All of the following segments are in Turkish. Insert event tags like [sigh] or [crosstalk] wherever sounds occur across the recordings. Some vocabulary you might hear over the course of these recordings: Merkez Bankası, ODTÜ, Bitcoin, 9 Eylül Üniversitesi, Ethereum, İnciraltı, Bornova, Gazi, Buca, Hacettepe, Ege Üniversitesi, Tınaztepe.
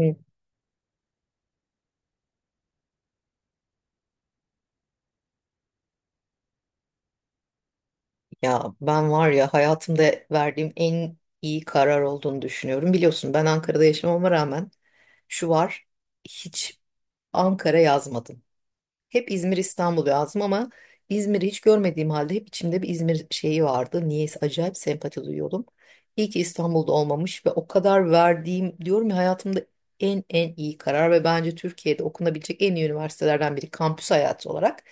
Evet. Ya ben var ya hayatımda verdiğim en iyi karar olduğunu düşünüyorum. Biliyorsun ben Ankara'da yaşamama rağmen şu var hiç Ankara yazmadım. Hep İzmir İstanbul yazdım ama İzmir'i hiç görmediğim halde hep içimde bir İzmir şeyi vardı. Niyeyse acayip sempati duyuyordum. İyi ki İstanbul'da olmamış ve o kadar verdiğim diyorum ya hayatımda en iyi karar ve bence Türkiye'de okunabilecek en iyi üniversitelerden biri kampüs hayatı olarak.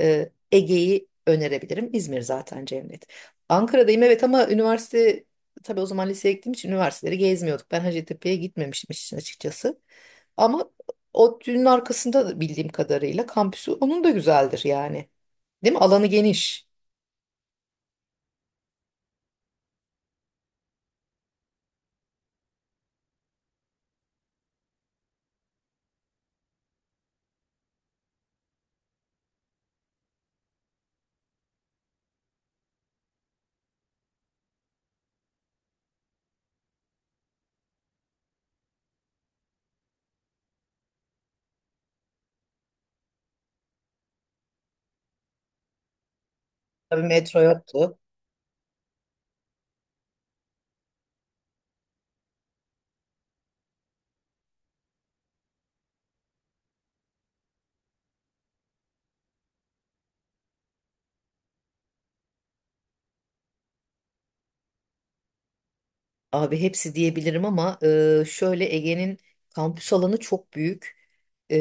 Ege'yi önerebilirim. İzmir zaten cennet. Ankara'dayım, evet, ama üniversite, tabii o zaman liseye gittiğim için üniversiteleri gezmiyorduk. Ben Hacettepe'ye gitmemiştim işin açıkçası. Ama o düğünün arkasında da bildiğim kadarıyla kampüsü onun da güzeldir yani. Değil mi? Alanı geniş. Tabii metro yoktu. Abi hepsi diyebilirim ama şöyle Ege'nin kampüs alanı çok büyük. E,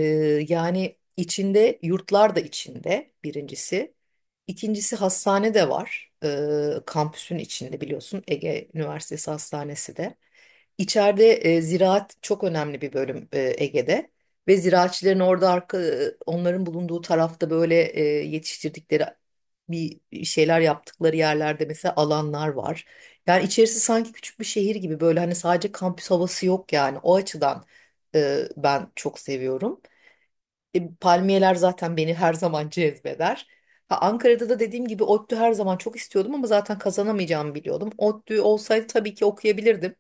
Yani içinde yurtlar da, içinde birincisi. İkincisi hastane de var. Kampüsün içinde biliyorsun Ege Üniversitesi Hastanesi de. İçeride ziraat çok önemli bir bölüm Ege'de. Ve ziraatçıların orada arka, onların bulunduğu tarafta böyle yetiştirdikleri, bir şeyler yaptıkları yerlerde mesela alanlar var. Yani içerisi sanki küçük bir şehir gibi, böyle hani sadece kampüs havası yok yani. O açıdan ben çok seviyorum. Palmiyeler zaten beni her zaman cezbeder. Ha, Ankara'da da dediğim gibi ODTÜ her zaman çok istiyordum ama zaten kazanamayacağımı biliyordum. ODTÜ olsaydı tabii ki okuyabilirdim.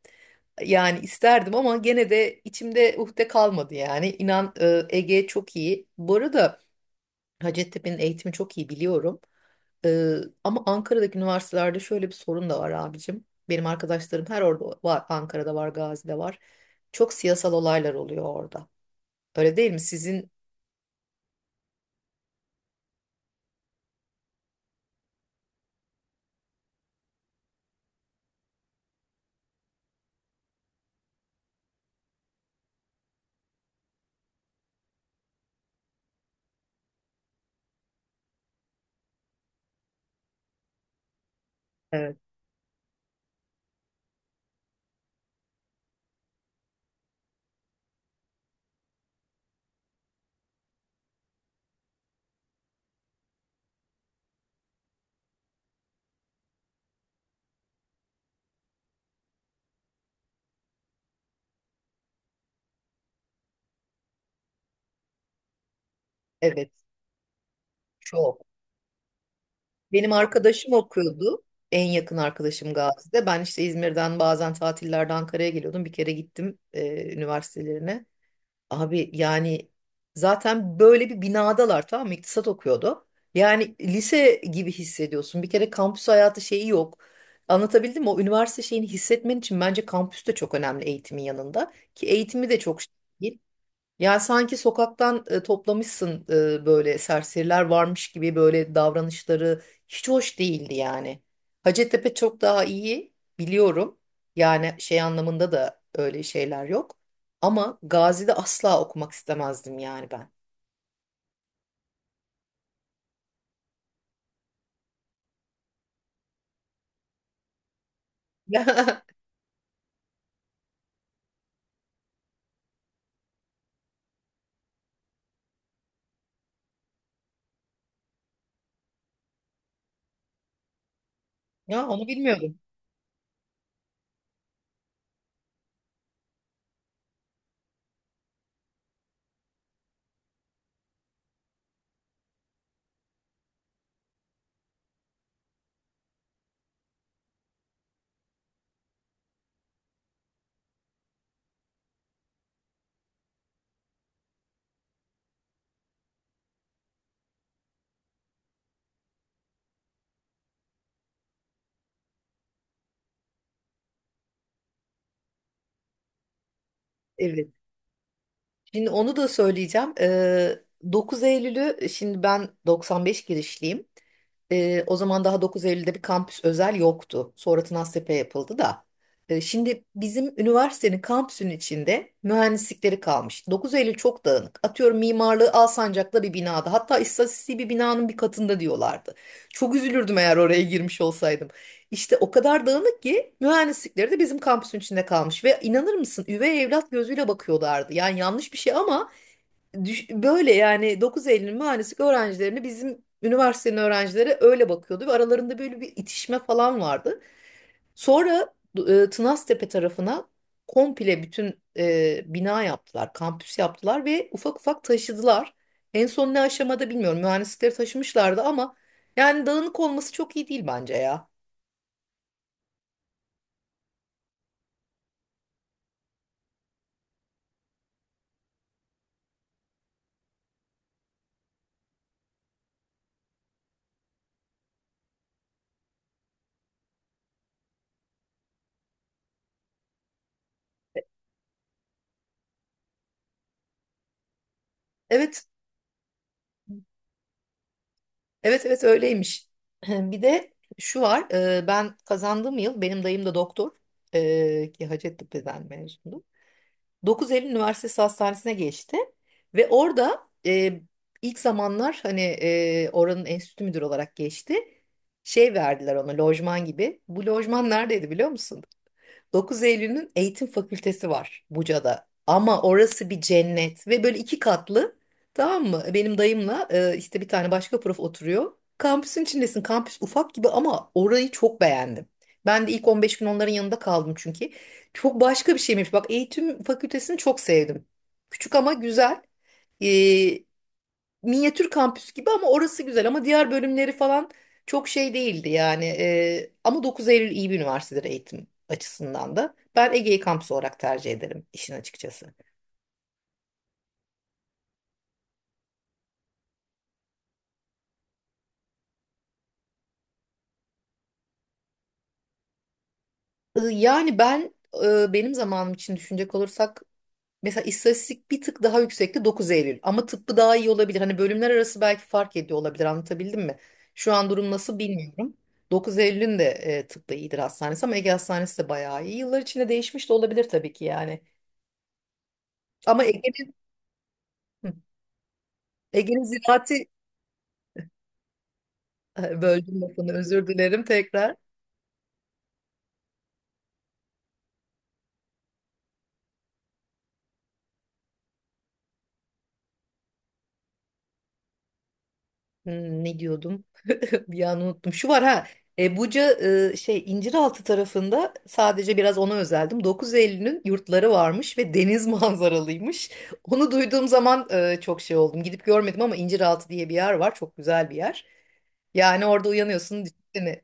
Yani isterdim ama gene de içimde uhde kalmadı yani. İnan Ege çok iyi. Bu arada Hacettepe'nin eğitimi çok iyi biliyorum. Ee, Ama Ankara'daki üniversitelerde şöyle bir sorun da var abicim. Benim arkadaşlarım her orada var. Ankara'da var, Gazi'de var. Çok siyasal olaylar oluyor orada. Öyle değil mi? Sizin evet. Evet. Çok. Benim arkadaşım okuyordu. En yakın arkadaşım Gazi'de. Ben işte İzmir'den bazen tatillerde Ankara'ya geliyordum. Bir kere gittim üniversitelerine. Abi yani zaten böyle bir binadalar, tamam mı? İktisat okuyordu. Yani lise gibi hissediyorsun. Bir kere kampüs hayatı şeyi yok. Anlatabildim mi? O üniversite şeyini hissetmen için bence kampüs de çok önemli eğitimin yanında. Ki eğitimi de çok şey değil. Yani sanki sokaktan toplamışsın, böyle serseriler varmış gibi, böyle davranışları hiç hoş değildi yani. Hacettepe çok daha iyi biliyorum. Yani şey anlamında da öyle şeyler yok. Ama Gazi'de asla okumak istemezdim yani ben. [laughs] Ya onu bilmiyordum. Evet. Şimdi onu da söyleyeceğim. 9 Eylül'ü, şimdi ben 95 girişliyim. O zaman daha 9 Eylül'de bir kampüs özel yoktu. Sonra Tınaztepe yapıldı da. Şimdi bizim üniversitenin kampüsünün içinde mühendislikleri kalmış. 9 Eylül çok dağınık. Atıyorum mimarlığı Alsancak'ta bir binada. Hatta istatistiği bir binanın bir katında diyorlardı. Çok üzülürdüm eğer oraya girmiş olsaydım. İşte o kadar dağınık ki mühendislikleri de bizim kampüsün içinde kalmış ve inanır mısın üvey evlat gözüyle bakıyorlardı. Yani yanlış bir şey ama böyle yani 9 Eylül mühendislik öğrencilerini bizim üniversitenin öğrencileri öyle bakıyordu ve aralarında böyle bir itişme falan vardı. Sonra Tınaztepe tarafına komple bütün bina yaptılar, kampüs yaptılar ve ufak ufak taşıdılar. En son ne aşamada bilmiyorum mühendislikleri taşımışlardı ama yani dağınık olması çok iyi değil bence ya. Evet. Evet, evet öyleymiş. [clears throat] Bir de şu var, ben kazandığım yıl benim dayım da doktor, ki Hacettepe'den mezundu. 9 Eylül Üniversitesi Hastanesi'ne geçti ve orada ilk zamanlar hani oranın enstitü müdürü olarak geçti. Şey verdiler ona, lojman gibi. Bu lojman neredeydi biliyor musun? 9 Eylül'ün eğitim fakültesi var Buca'da. Ama orası bir cennet ve böyle iki katlı, tamam mı? Benim dayımla işte bir tane başka prof oturuyor. Kampüsün içindesin. Kampüs ufak gibi ama orayı çok beğendim. Ben de ilk 15 gün onların yanında kaldım çünkü. Çok başka bir şeymiş. Bak eğitim fakültesini çok sevdim. Küçük ama güzel. E, Minyatür kampüs gibi ama orası güzel, ama diğer bölümleri falan çok şey değildi yani. Ama 9 Eylül iyi bir üniversitedir eğitim açısından da. Ben Ege'yi kampüs olarak tercih ederim işin açıkçası. Yani ben, benim zamanım için düşünecek olursak mesela istatistik bir tık daha yüksekti 9 Eylül, ama tıbbı daha iyi olabilir. Hani bölümler arası belki fark ediyor olabilir, anlatabildim mi? Şu an durum nasıl bilmiyorum. 9 Eylül'ün de tıbbı iyidir, hastanesi, ama Ege Hastanesi de bayağı iyi. Yıllar içinde değişmiş de olabilir tabii ki yani. Ama Ege'nin, hı. Ege'nin ziraati, ha, böldüm lafını, özür dilerim tekrar. Hmm, ne diyordum? [laughs] Bir an unuttum. Şu var ha. Buca, şey İnciraltı tarafında sadece biraz ona özeldim. 9 Eylül'ün yurtları varmış ve deniz [laughs] manzaralıymış. Onu duyduğum zaman çok şey oldum. Gidip görmedim ama İnciraltı diye bir yer var. Çok güzel bir yer. Yani orada uyanıyorsun, düşünsene.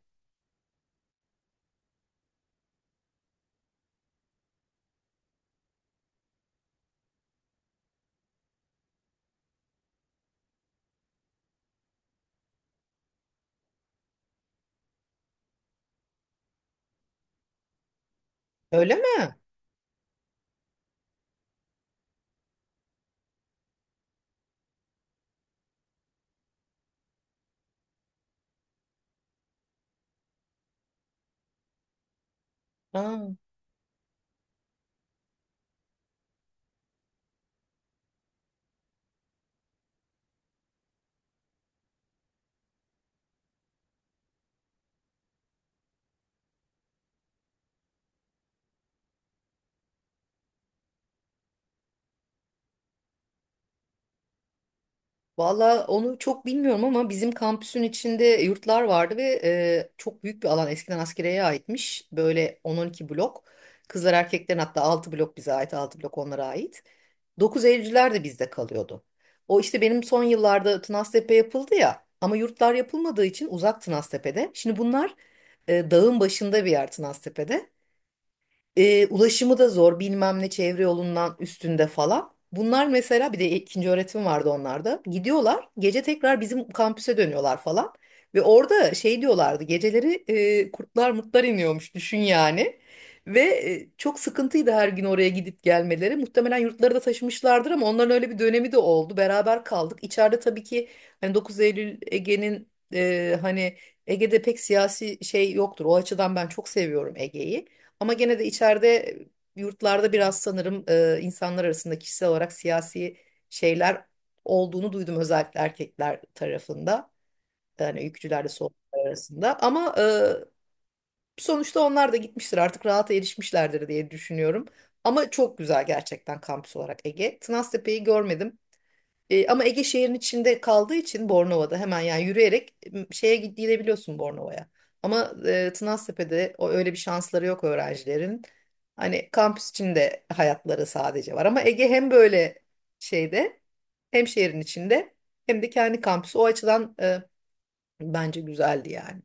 Öyle mi? Ha. Valla onu çok bilmiyorum ama bizim kampüsün içinde yurtlar vardı ve çok büyük bir alan, eskiden askeriyeye aitmiş. Böyle 10-12 blok. Kızlar erkeklerin, hatta 6 blok bize ait, 6 blok onlara ait. 9 Eylülcüler de bizde kalıyordu. O işte benim son yıllarda Tınaztepe yapıldı ya, ama yurtlar yapılmadığı için uzak Tınaztepe'de. Şimdi bunlar dağın başında bir yer Tınaztepe'de. Ulaşımı da zor, bilmem ne çevre yolundan üstünde falan. Bunlar mesela, bir de ikinci öğretim vardı onlarda. Gidiyorlar gece tekrar bizim kampüse dönüyorlar falan. Ve orada şey diyorlardı, geceleri kurtlar mutlar iniyormuş, düşün yani. Ve çok sıkıntıydı her gün oraya gidip gelmeleri. Muhtemelen yurtları da taşımışlardır ama onların öyle bir dönemi de oldu. Beraber kaldık. İçeride tabii ki hani 9 Eylül, Ege'nin hani Ege'de pek siyasi şey yoktur. O açıdan ben çok seviyorum Ege'yi. Ama gene de içeride, yurtlarda biraz sanırım insanlar arasında kişisel olarak siyasi şeyler olduğunu duydum, özellikle erkekler tarafında. Yani ülkücülerle solcular arasında. Ama sonuçta onlar da gitmiştir, artık rahata erişmişlerdir diye düşünüyorum. Ama çok güzel gerçekten, kampüs olarak Ege. Tınaztepe'yi görmedim. Ama Ege şehrin içinde kaldığı için Bornova'da hemen, yani yürüyerek şeye gidebiliyorsun Bornova'ya. Ama Tınaztepe'de o öyle bir şansları yok öğrencilerin. Hani kampüs içinde hayatları sadece var. Ama Ege hem böyle şeyde, hem şehrin içinde, hem de kendi kampüsü. O açıdan bence güzeldi yani.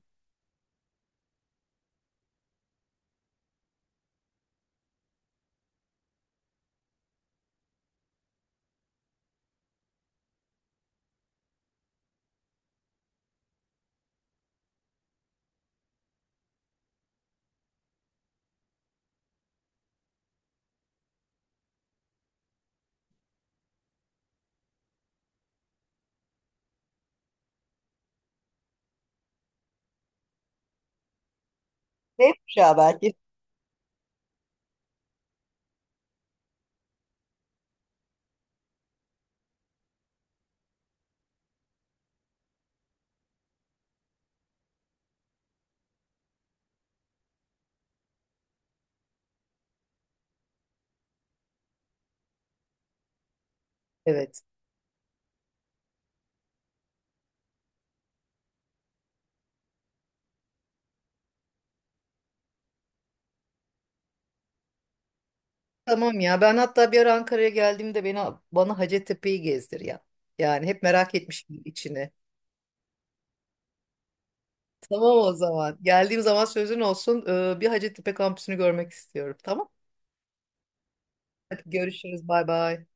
Ne ya belki? Evet. Tamam ya, ben hatta bir ara Ankara'ya geldiğimde beni, bana Hacettepe'yi gezdir ya. Yani hep merak etmişim içini. Tamam o zaman. Geldiğim zaman sözün olsun. Bir Hacettepe kampüsünü görmek istiyorum. Tamam. Hadi görüşürüz. Bay bay.